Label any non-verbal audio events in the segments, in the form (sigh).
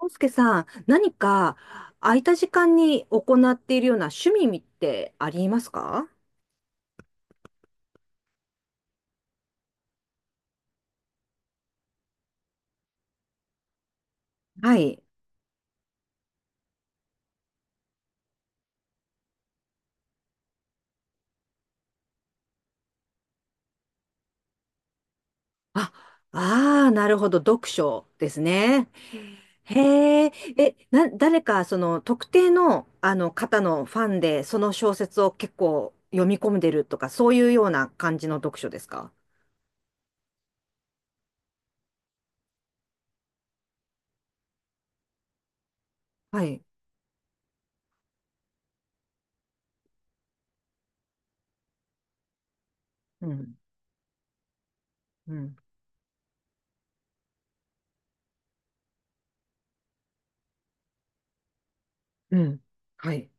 康介さん、何か空いた時間に行っているような趣味ってありますか？はい。あ、ああ、なるほど。読書ですね。へえ。誰か、特定の、方のファンで、その小説を結構読み込んでるとか、そういうような感じの読書ですか？はい。うん、うん、うん。はい、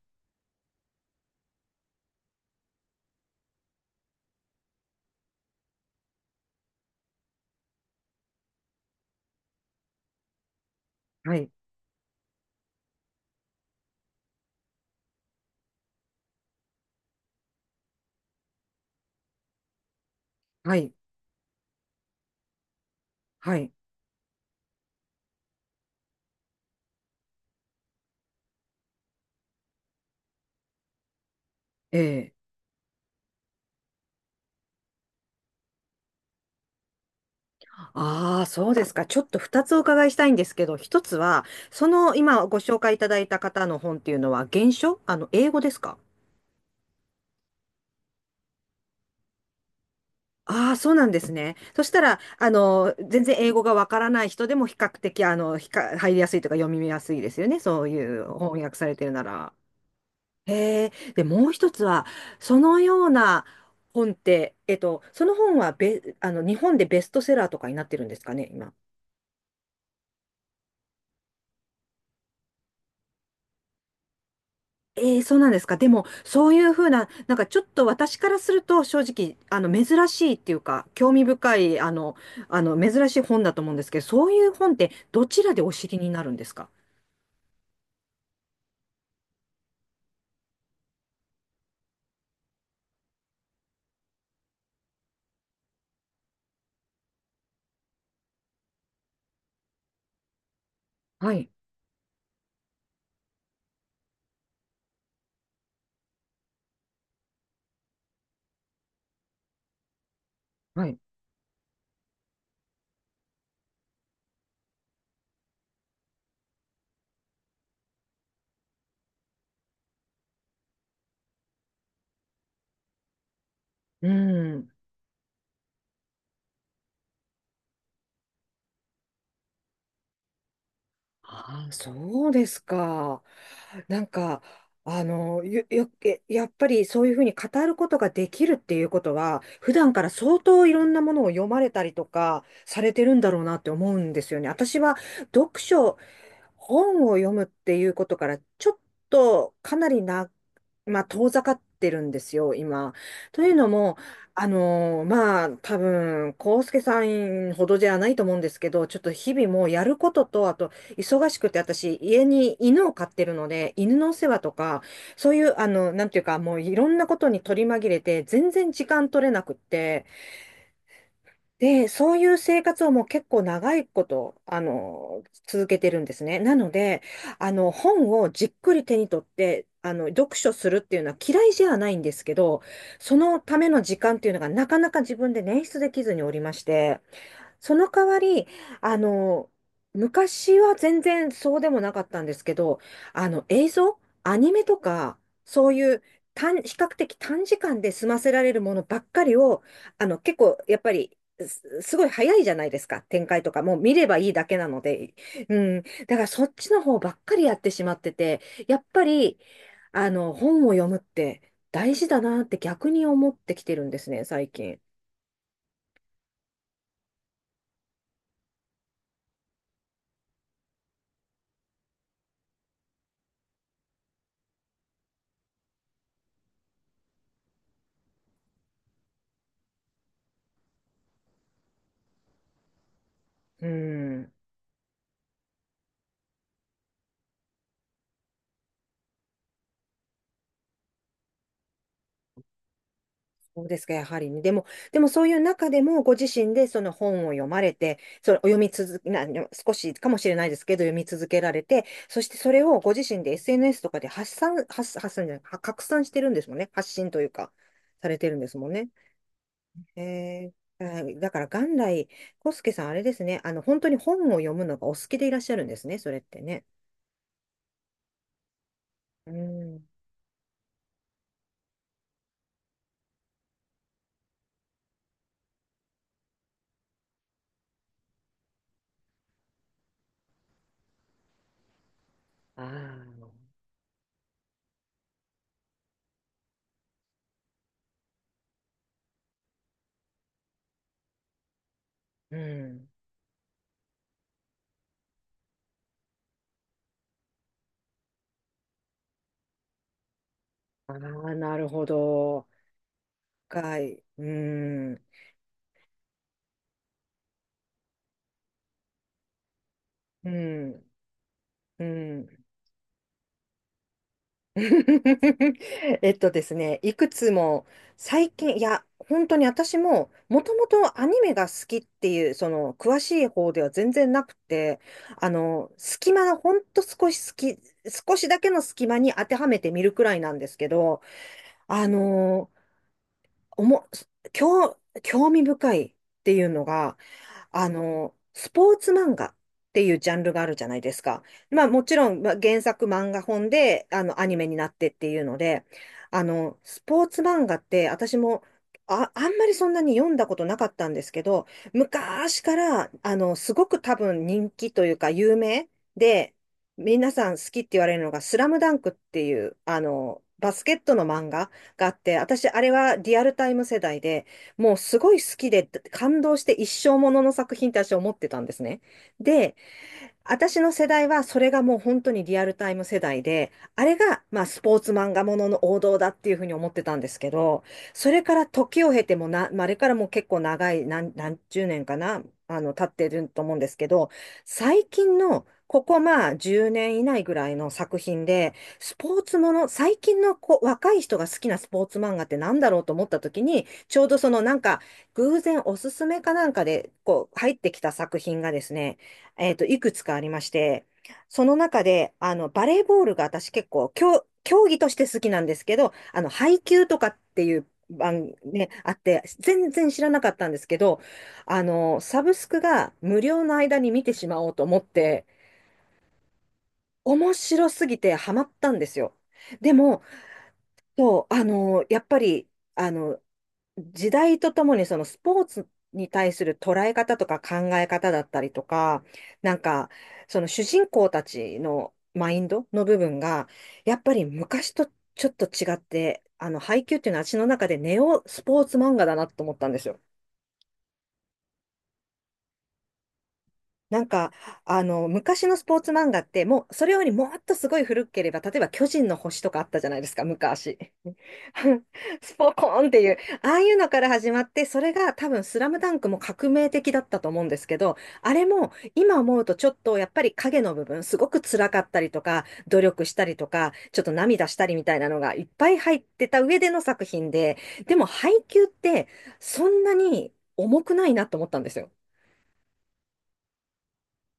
はい、はい、はい。ええ。ああ、そうですか。ちょっと二つお伺いしたいんですけど、一つは、その今ご紹介いただいた方の本っていうのは、原書英語ですか？ああ、そうなんですね。そしたら、全然英語がわからない人でも比較的、入りやすいとか読みやすいですよね。そういう翻訳されてるなら。へえ。で、もう一つは、そのような本って、その本は日本でベストセラーとかになってるんですかね、今。ええ、そうなんですか。でも、そういうふうな、なんかちょっと私からすると、正直、珍しいっていうか、興味深い、珍しい本だと思うんですけど、そういう本って、どちらでお知りになるんですか？はい、はい。うん。ああ、そうですか。なんか、よ、よ、えやっぱりそういうふうに語ることができるっていうことは、普段から相当いろんなものを読まれたりとかされてるんだろうなって思うんですよね。私は読書、本を読むっていうことから、ちょっとかなり長まあ、遠ざかってるんですよ、今。というのも、まあ、多分、康介さんほどじゃないと思うんですけど、ちょっと日々もうやることと、あと、忙しくて、私、家に犬を飼ってるので、犬のお世話とか、そういう、なんていうか、もういろんなことに取り紛れて、全然時間取れなくって、で、そういう生活をもう結構長いこと、続けてるんですね。なので、本をじっくり手に取って、読書するっていうのは嫌いじゃないんですけど、そのための時間っていうのがなかなか自分で捻出できずにおりまして、その代わり、あの、昔は全然そうでもなかったんですけど、映像、アニメとか、そういう比較的短時間で済ませられるものばっかりを、結構、やっぱり、すごい早いじゃないですか、展開とか。もう見ればいいだけなので。うん。だからそっちの方ばっかりやってしまってて、やっぱり、本を読むって大事だなって逆に思ってきてるんですね、最近。うん。そうですか、やはりね。でもそういう中でも、ご自身でその本を読まれて、それお読み続け、な、少しかもしれないですけど、読み続けられて、そしてそれをご自身で SNS とかで発散じゃない、は拡散してるんですもんね。発信というか、されてるんですもんね。えー、はい、だから元来、コスケさん、あれですね、本当に本を読むのがお好きでいらっしゃるんですね、それってね。うん。ああ、うん。ああ、なるほど。深い。うん。うん。うん。(laughs) えっとですね、いくつも最近、いや、本当に私ももともとアニメが好きっていう、その詳しい方では全然なくて、隙間、ほんと少し好き、少しだけの隙間に当てはめてみるくらいなんですけど、あの、おも、興味深いっていうのが、スポーツ漫画っていうジャンルがあるじゃないですか。まあもちろん、まあ、原作漫画本で、アニメになってっていうので、スポーツ漫画って私も、あんまりそんなに読んだことなかったんですけど、昔から、すごく多分人気というか有名で、皆さん好きって言われるのが、スラムダンクっていう、バスケットの漫画があって、私、あれはリアルタイム世代で、もうすごい好きで感動して一生ものの作品って私は思ってたんですね。で、私の世代はそれがもう本当にリアルタイム世代で、あれがまあスポーツ漫画ものの王道だっていうふうに思ってたんですけど、それから時を経てもな、まあ、あれからもう結構長い何十年かな、経ってると思うんですけど、最近のここまあ10年以内ぐらいの作品で、スポーツもの、最近のこう若い人が好きなスポーツ漫画ってなんだろうと思った時に、ちょうどそのなんか偶然おすすめかなんかでこう入ってきた作品がですね、いくつかありまして、その中で、バレーボールが私結構、競技として好きなんですけど、配球とかっていう番ね、あって、全然知らなかったんですけど、サブスクが無料の間に見てしまおうと思って、面白すぎてハマったんですよ。でも、そう、やっぱり、あの、時代とともにそのスポーツに対する捉え方とか考え方だったりとか、なんかその主人公たちのマインドの部分が、やっぱり昔とちょっと違って、配給っていうのは私の中でネオスポーツ漫画だなと思ったんですよ。なんか、昔のスポーツ漫画って、もう、それよりもっとすごい古ければ、例えば巨人の星とかあったじゃないですか、昔。(laughs) スポコーンっていう、ああいうのから始まって、それが多分スラムダンクも革命的だったと思うんですけど、あれも今思うとちょっとやっぱり影の部分、すごく辛かったりとか、努力したりとか、ちょっと涙したりみたいなのがいっぱい入ってた上での作品で、でも配給ってそんなに重くないなと思ったんですよ。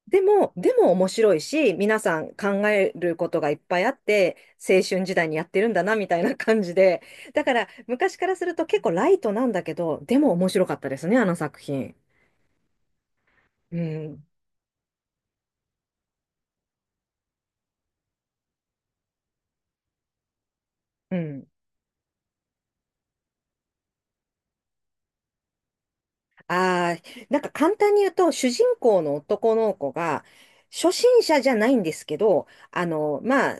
でも面白いし、皆さん考えることがいっぱいあって、青春時代にやってるんだな、みたいな感じで。だから、昔からすると結構ライトなんだけど、でも面白かったですね、あの作品。うん。うん。ああ、なんか簡単に言うと、主人公の男の子が、初心者じゃないんですけど、まあ、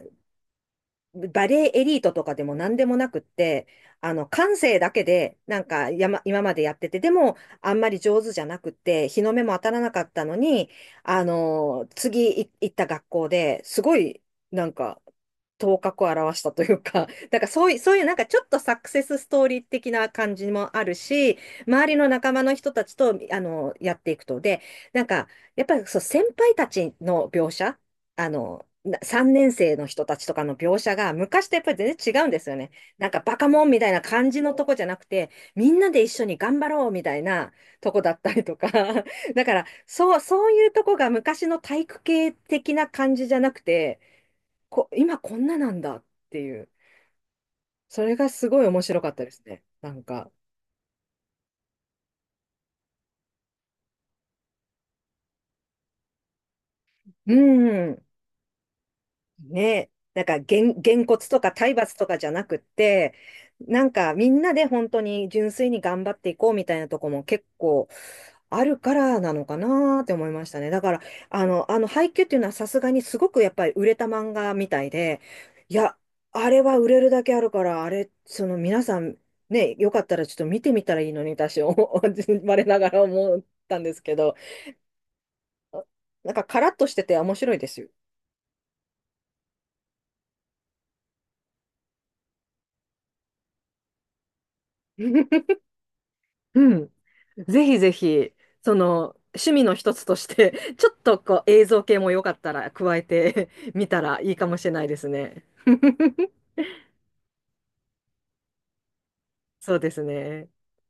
バレエエリートとかでも何でもなくって、感性だけで、なんか、今までやってて、でも、あんまり上手じゃなくって、日の目も当たらなかったのに、行った学校ですごい、なんか、頭角を現したというか、(laughs) だからそういうなんかちょっとサクセスストーリー的な感じもあるし、周りの仲間の人たちと、やっていくと。で、なんか、やっぱりそう、先輩たちの描写3年生の人たちとかの描写が昔とやっぱり全然違うんですよね。なんかバカモンみたいな感じのとこじゃなくて、みんなで一緒に頑張ろうみたいなとこだったりとか。(laughs) だから、そう、そういうとこが昔の体育系的な感じじゃなくて、今こんななんだっていう。それがすごい面白かったですね。なんか。うん。ね、なんか、げんこつとか体罰とかじゃなくって、なんか、みんなで本当に純粋に頑張っていこうみたいなとこも結構あるからなのかなって思いましたね。だから、配給っていうのはさすがにすごくやっぱり売れた漫画みたいで、いや、あれは売れるだけあるから、あれ、その皆さん、ね、よかったらちょっと見てみたらいいのに、私、(laughs) 我ながら思ったんですけど、なんかカラッとしてて面白いですよ。(laughs) うん。ぜひぜひ、その、趣味の一つとして、(laughs) ちょっとこう映像系もよかったら加えて (laughs) みたらいいかもしれないですね。(laughs) そうですね。